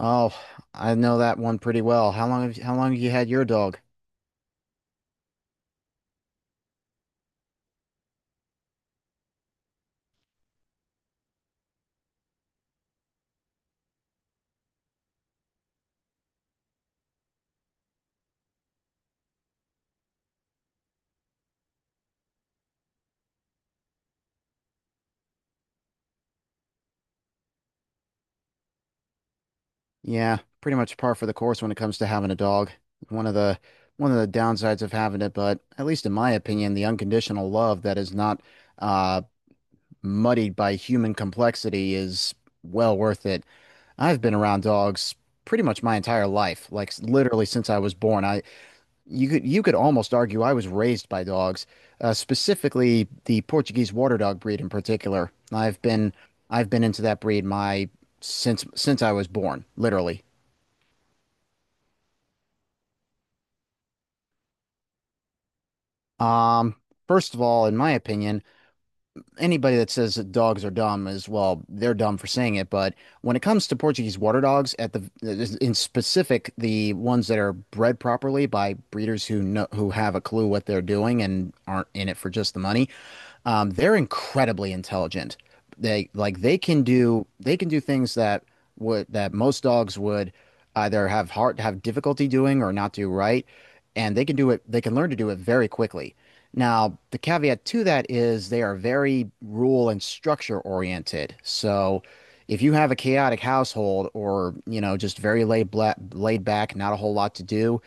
Oh, I know that one pretty well. How long have you had your dog? Yeah, pretty much par for the course when it comes to having a dog. One of the one of the downsides of having it, but at least in my opinion, the unconditional love that is not uh, muddied by human complexity is well worth it. I've been around dogs pretty much my entire life, like literally since I was born. I You could almost argue I was raised by dogs, specifically the Portuguese water dog breed in particular. I've been into that breed my since I was born, literally. Um, First of all, in my opinion, anybody that says that dogs are dumb is, well, they're dumb for saying it. But when it comes to Portuguese water dogs, at the in specific, the ones that are bred properly by breeders who have a clue what they're doing and aren't in it for just the money. They're incredibly intelligent. They like they can do things that would that most dogs would either have difficulty doing or not do right, and they can do it. They can learn to do it very quickly. Now, the caveat to that is they are very rule and structure oriented. So, if you have a chaotic household or, you know, just very laid back, not a whole lot to do,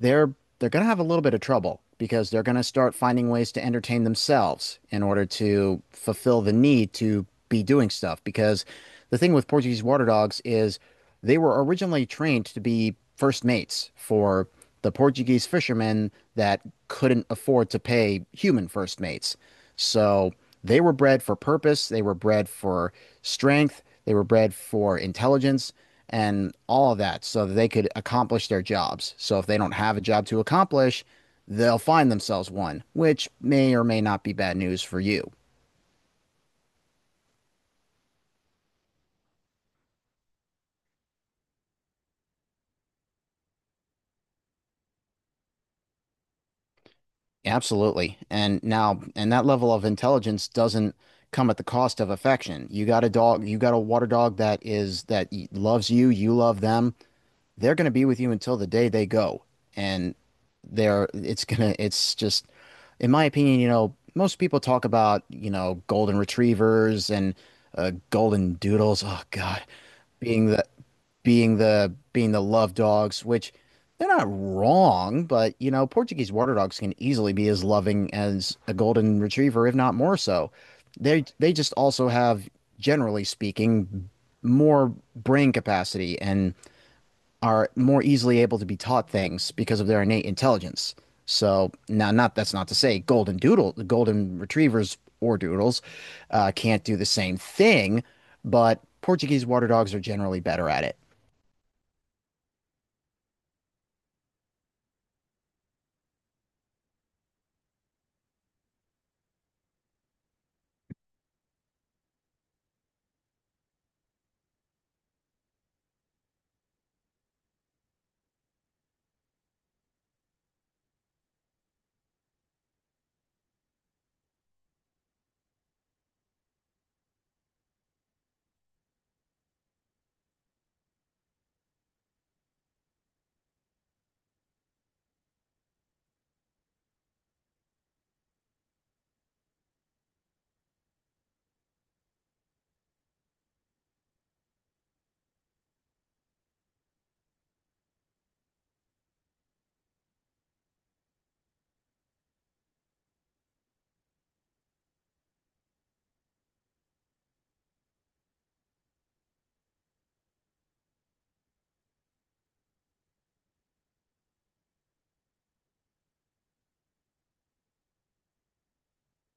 they're they're going to have a little bit of trouble because they're going to start finding ways to entertain themselves in order to fulfill the need to be doing stuff, because the thing with Portuguese water dogs is they were originally trained to be first mates for the Portuguese fishermen that couldn't afford to pay human first mates. So they were bred for purpose, they were bred for strength, they were bred for intelligence and all of that so that they could accomplish their jobs. So if they don't have a job to accomplish, they'll find themselves one, which may or may not be bad news for you. Absolutely. And now, and that level of intelligence doesn't come at the cost of affection. You got a dog, you got a water dog that is, loves you, you love them, they're going to be with you until the day they go. And they're, it's gonna, it's just, in my opinion, you know, most people talk about, you know, golden retrievers and golden doodles. Oh God, being the, being the love dogs, which they're not wrong, but you know, Portuguese water dogs can easily be as loving as a golden retriever, if not more so. They just also have, generally speaking, more brain capacity and are more easily able to be taught things because of their innate intelligence. So now, not that's not to say the golden retrievers or doodles, can't do the same thing, but Portuguese water dogs are generally better at it.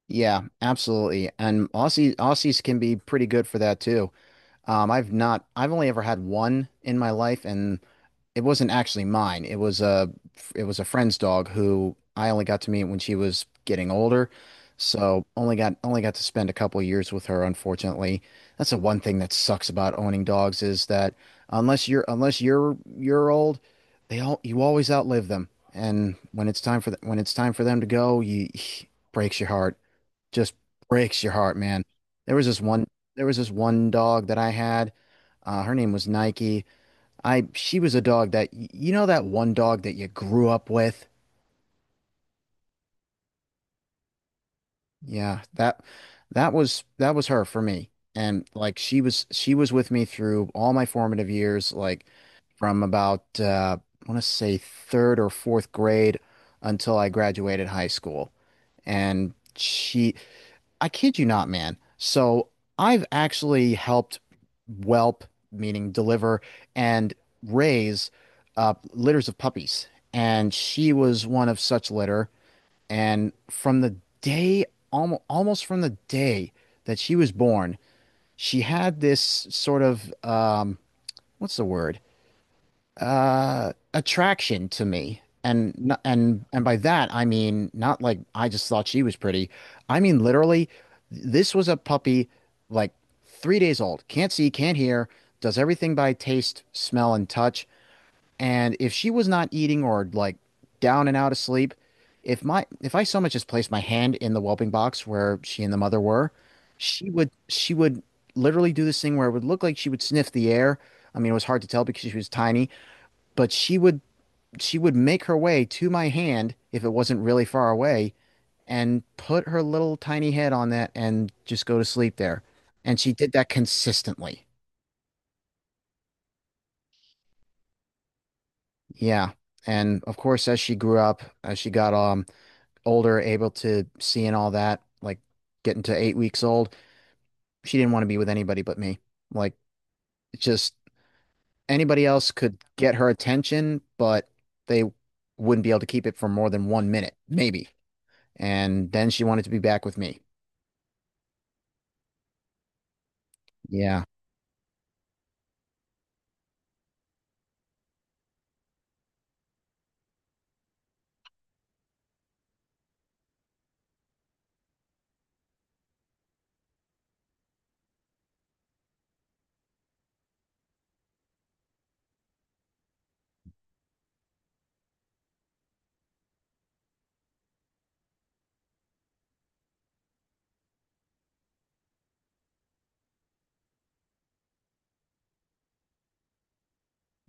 Yeah, absolutely. And Aussies can be pretty good for that too. I've not, I've only ever had one in my life, and it wasn't actually mine. It was a friend's dog who I only got to meet when she was getting older. So only got to spend a couple of years with her, unfortunately. That's the one thing that sucks about owning dogs, is that unless you're old, they all you always outlive them. And when it's time for them to go, you breaks your heart. Just breaks your heart, man. There was this one there was this one dog that I had. Her name was Nike. I She was a dog that, you know, that one dog that you grew up with? Yeah, that that was her for me. And like she was with me through all my formative years, like from about I want to say third or fourth grade until I graduated high school. And she, I kid you not, man. So I've actually helped whelp, meaning deliver, and raise litters of puppies. And she was one of such litter. And from the day, almost from the day that she was born, she had this sort of, what's the word, attraction to me. And and by that I mean not like I just thought she was pretty. I mean literally, this was a puppy, like three days old, can't see, can't hear, does everything by taste, smell and touch. And if she was not eating or like down and out of sleep, if I so much as placed my hand in the whelping box where she and the mother were, she would literally do this thing where it would look like she would sniff the air. I mean, it was hard to tell because she was tiny, but she would make her way to my hand if it wasn't really far away and put her little tiny head on that and just go to sleep there. And she did that consistently. Yeah. And of course, as she grew up, as she got older, able to see and all that, like getting to eight weeks old, she didn't want to be with anybody but me. Like just anybody else could get her attention, but they wouldn't be able to keep it for more than one minute, maybe. And then she wanted to be back with me. Yeah,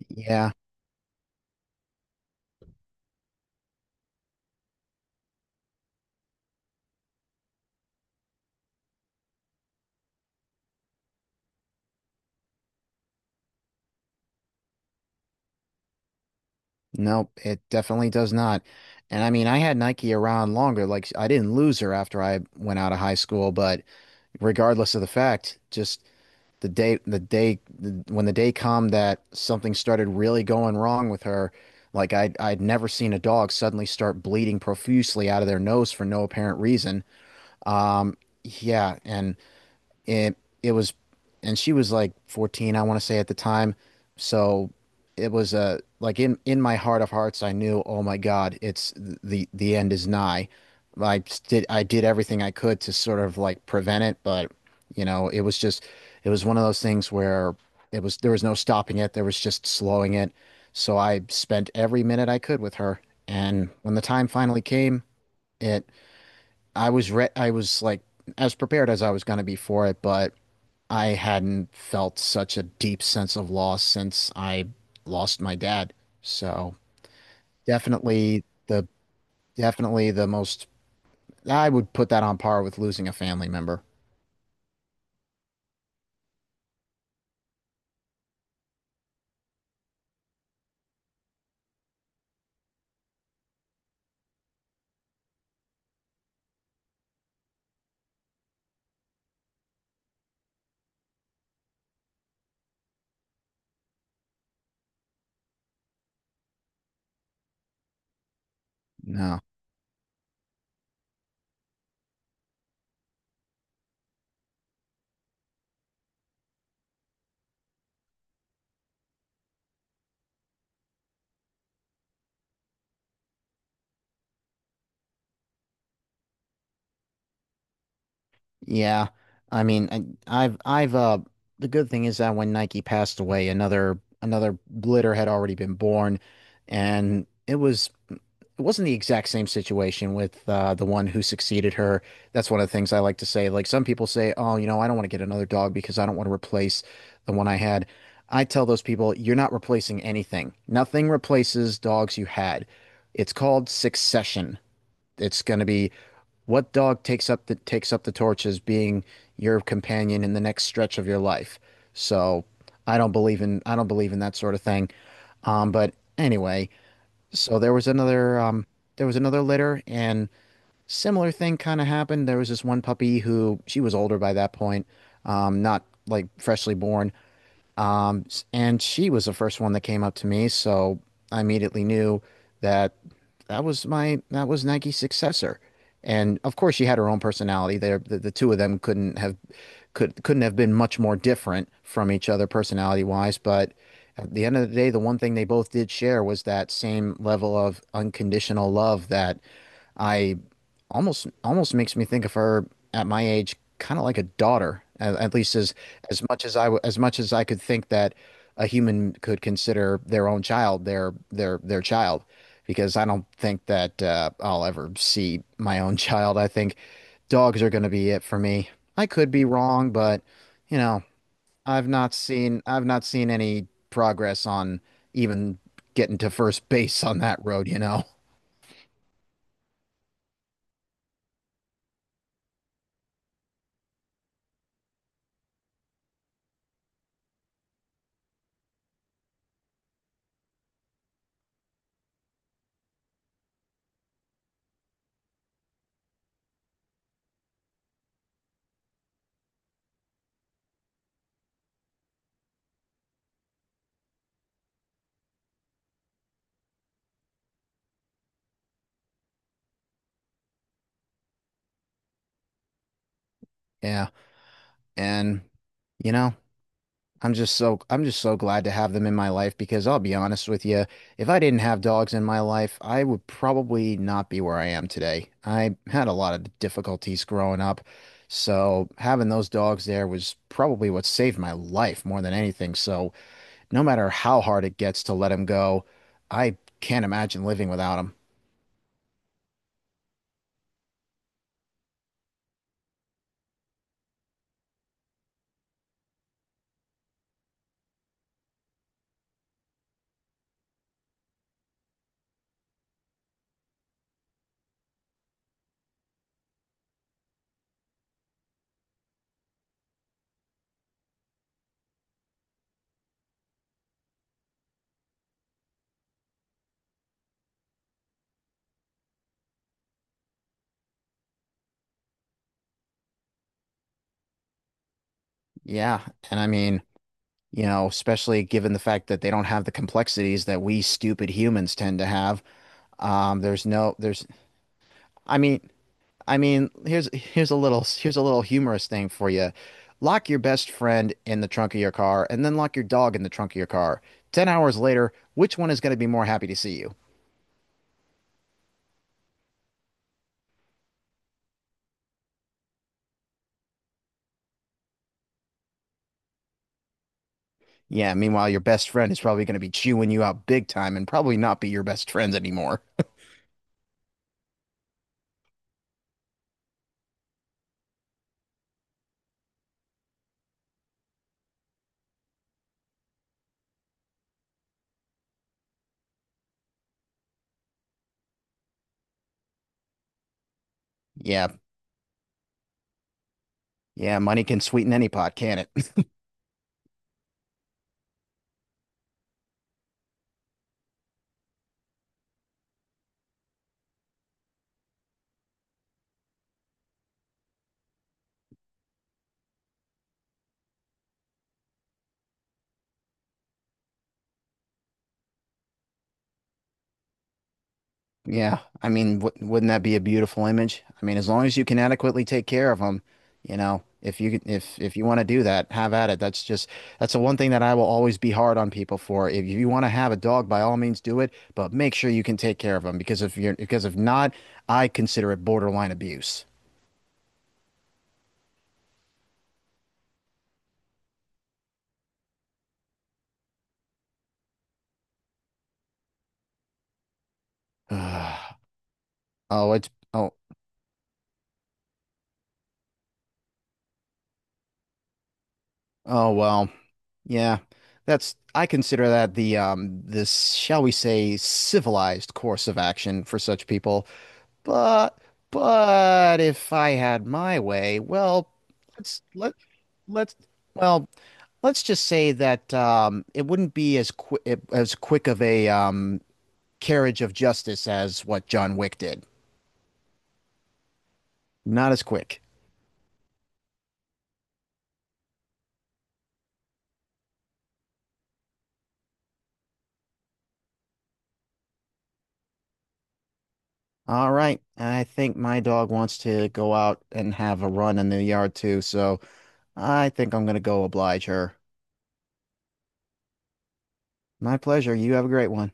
yeah. Nope, it definitely does not. And I mean, I had Nike around longer. Like, I didn't lose her after I went out of high school, but regardless of the fact, just when the day come that something started really going wrong with her, like I'd never seen a dog suddenly start bleeding profusely out of their nose for no apparent reason. Um, yeah, and It it was, and she was like 14, I want to say, at the time. So it was like in my heart of hearts, I knew, oh my God, it's the end is nigh. I did everything I could to sort of like prevent it, but you know, it was just, it was one of those things where it was there was no stopping it, there was just slowing it. So I spent every minute I could with her, and when the time finally came, it I was like as prepared as I was going to be for it, but I hadn't felt such a deep sense of loss since I lost my dad. So definitely the definitely the most, I would put that on par with losing a family member. No. Yeah, I mean, I've the good thing is that when Nike passed away, another litter had already been born, and it wasn't the exact same situation with the one who succeeded her. That's one of the things I like to say. Like some people say, "Oh, you know, I don't want to get another dog because I don't want to replace the one I had." I tell those people, "You're not replacing anything. Nothing replaces dogs you had. It's called succession. It's going to be what dog takes up the torch as being your companion in the next stretch of your life." So I don't believe in that sort of thing. But anyway, so there was another litter, and similar thing kind of happened. There was this one puppy who, she was older by that point, not like freshly born, um, and she was the first one that came up to me, so I immediately knew that that was my that was Nike's successor. And of course, she had her own personality. The two of them couldn't have couldn't have been much more different from each other personality wise. But at the end of the day, the one thing they both did share was that same level of unconditional love that I almost makes me think of her at my age kind of like a daughter, at least as much as I w- as much as I could think that a human could consider their own child their child, because I don't think that I'll ever see my own child. I think dogs are going to be it for me. I could be wrong, but you know, I've not seen any progress on even getting to first base on that road, you know. Yeah, and you know, I'm just so glad to have them in my life, because I'll be honest with you, if I didn't have dogs in my life, I would probably not be where I am today. I had a lot of difficulties growing up, so having those dogs there was probably what saved my life more than anything. So no matter how hard it gets to let them go, I can't imagine living without them. Yeah, and I mean, you know, especially given the fact that they don't have the complexities that we stupid humans tend to have. There's no, there's, I mean, here's here's a little humorous thing for you. Lock your best friend in the trunk of your car, and then lock your dog in the trunk of your car. 10 hours later, which one is going to be more happy to see you? Yeah, meanwhile, your best friend is probably going to be chewing you out big time and probably not be your best friends anymore. Yeah. Yeah, money can sweeten any pot, can't it? Yeah, I mean, w wouldn't that be a beautiful image? I mean, as long as you can adequately take care of them, you know, if you want to do that, have at it. That's just that's the one thing that I will always be hard on people for. If you want to have a dog, by all means do it, but make sure you can take care of them, because if you're because if not, I consider it borderline abuse. Oh, it's oh, oh well. Yeah, that's, I consider that the um, this, shall we say, civilized course of action for such people. But but if I had my way, well, let's let let's, well, let's just say that um, it wouldn't be as quick of a um, carriage of justice as what John Wick did. Not as quick. All right, I think my dog wants to go out and have a run in the yard too, so I think I'm gonna go oblige her. My pleasure. You have a great one.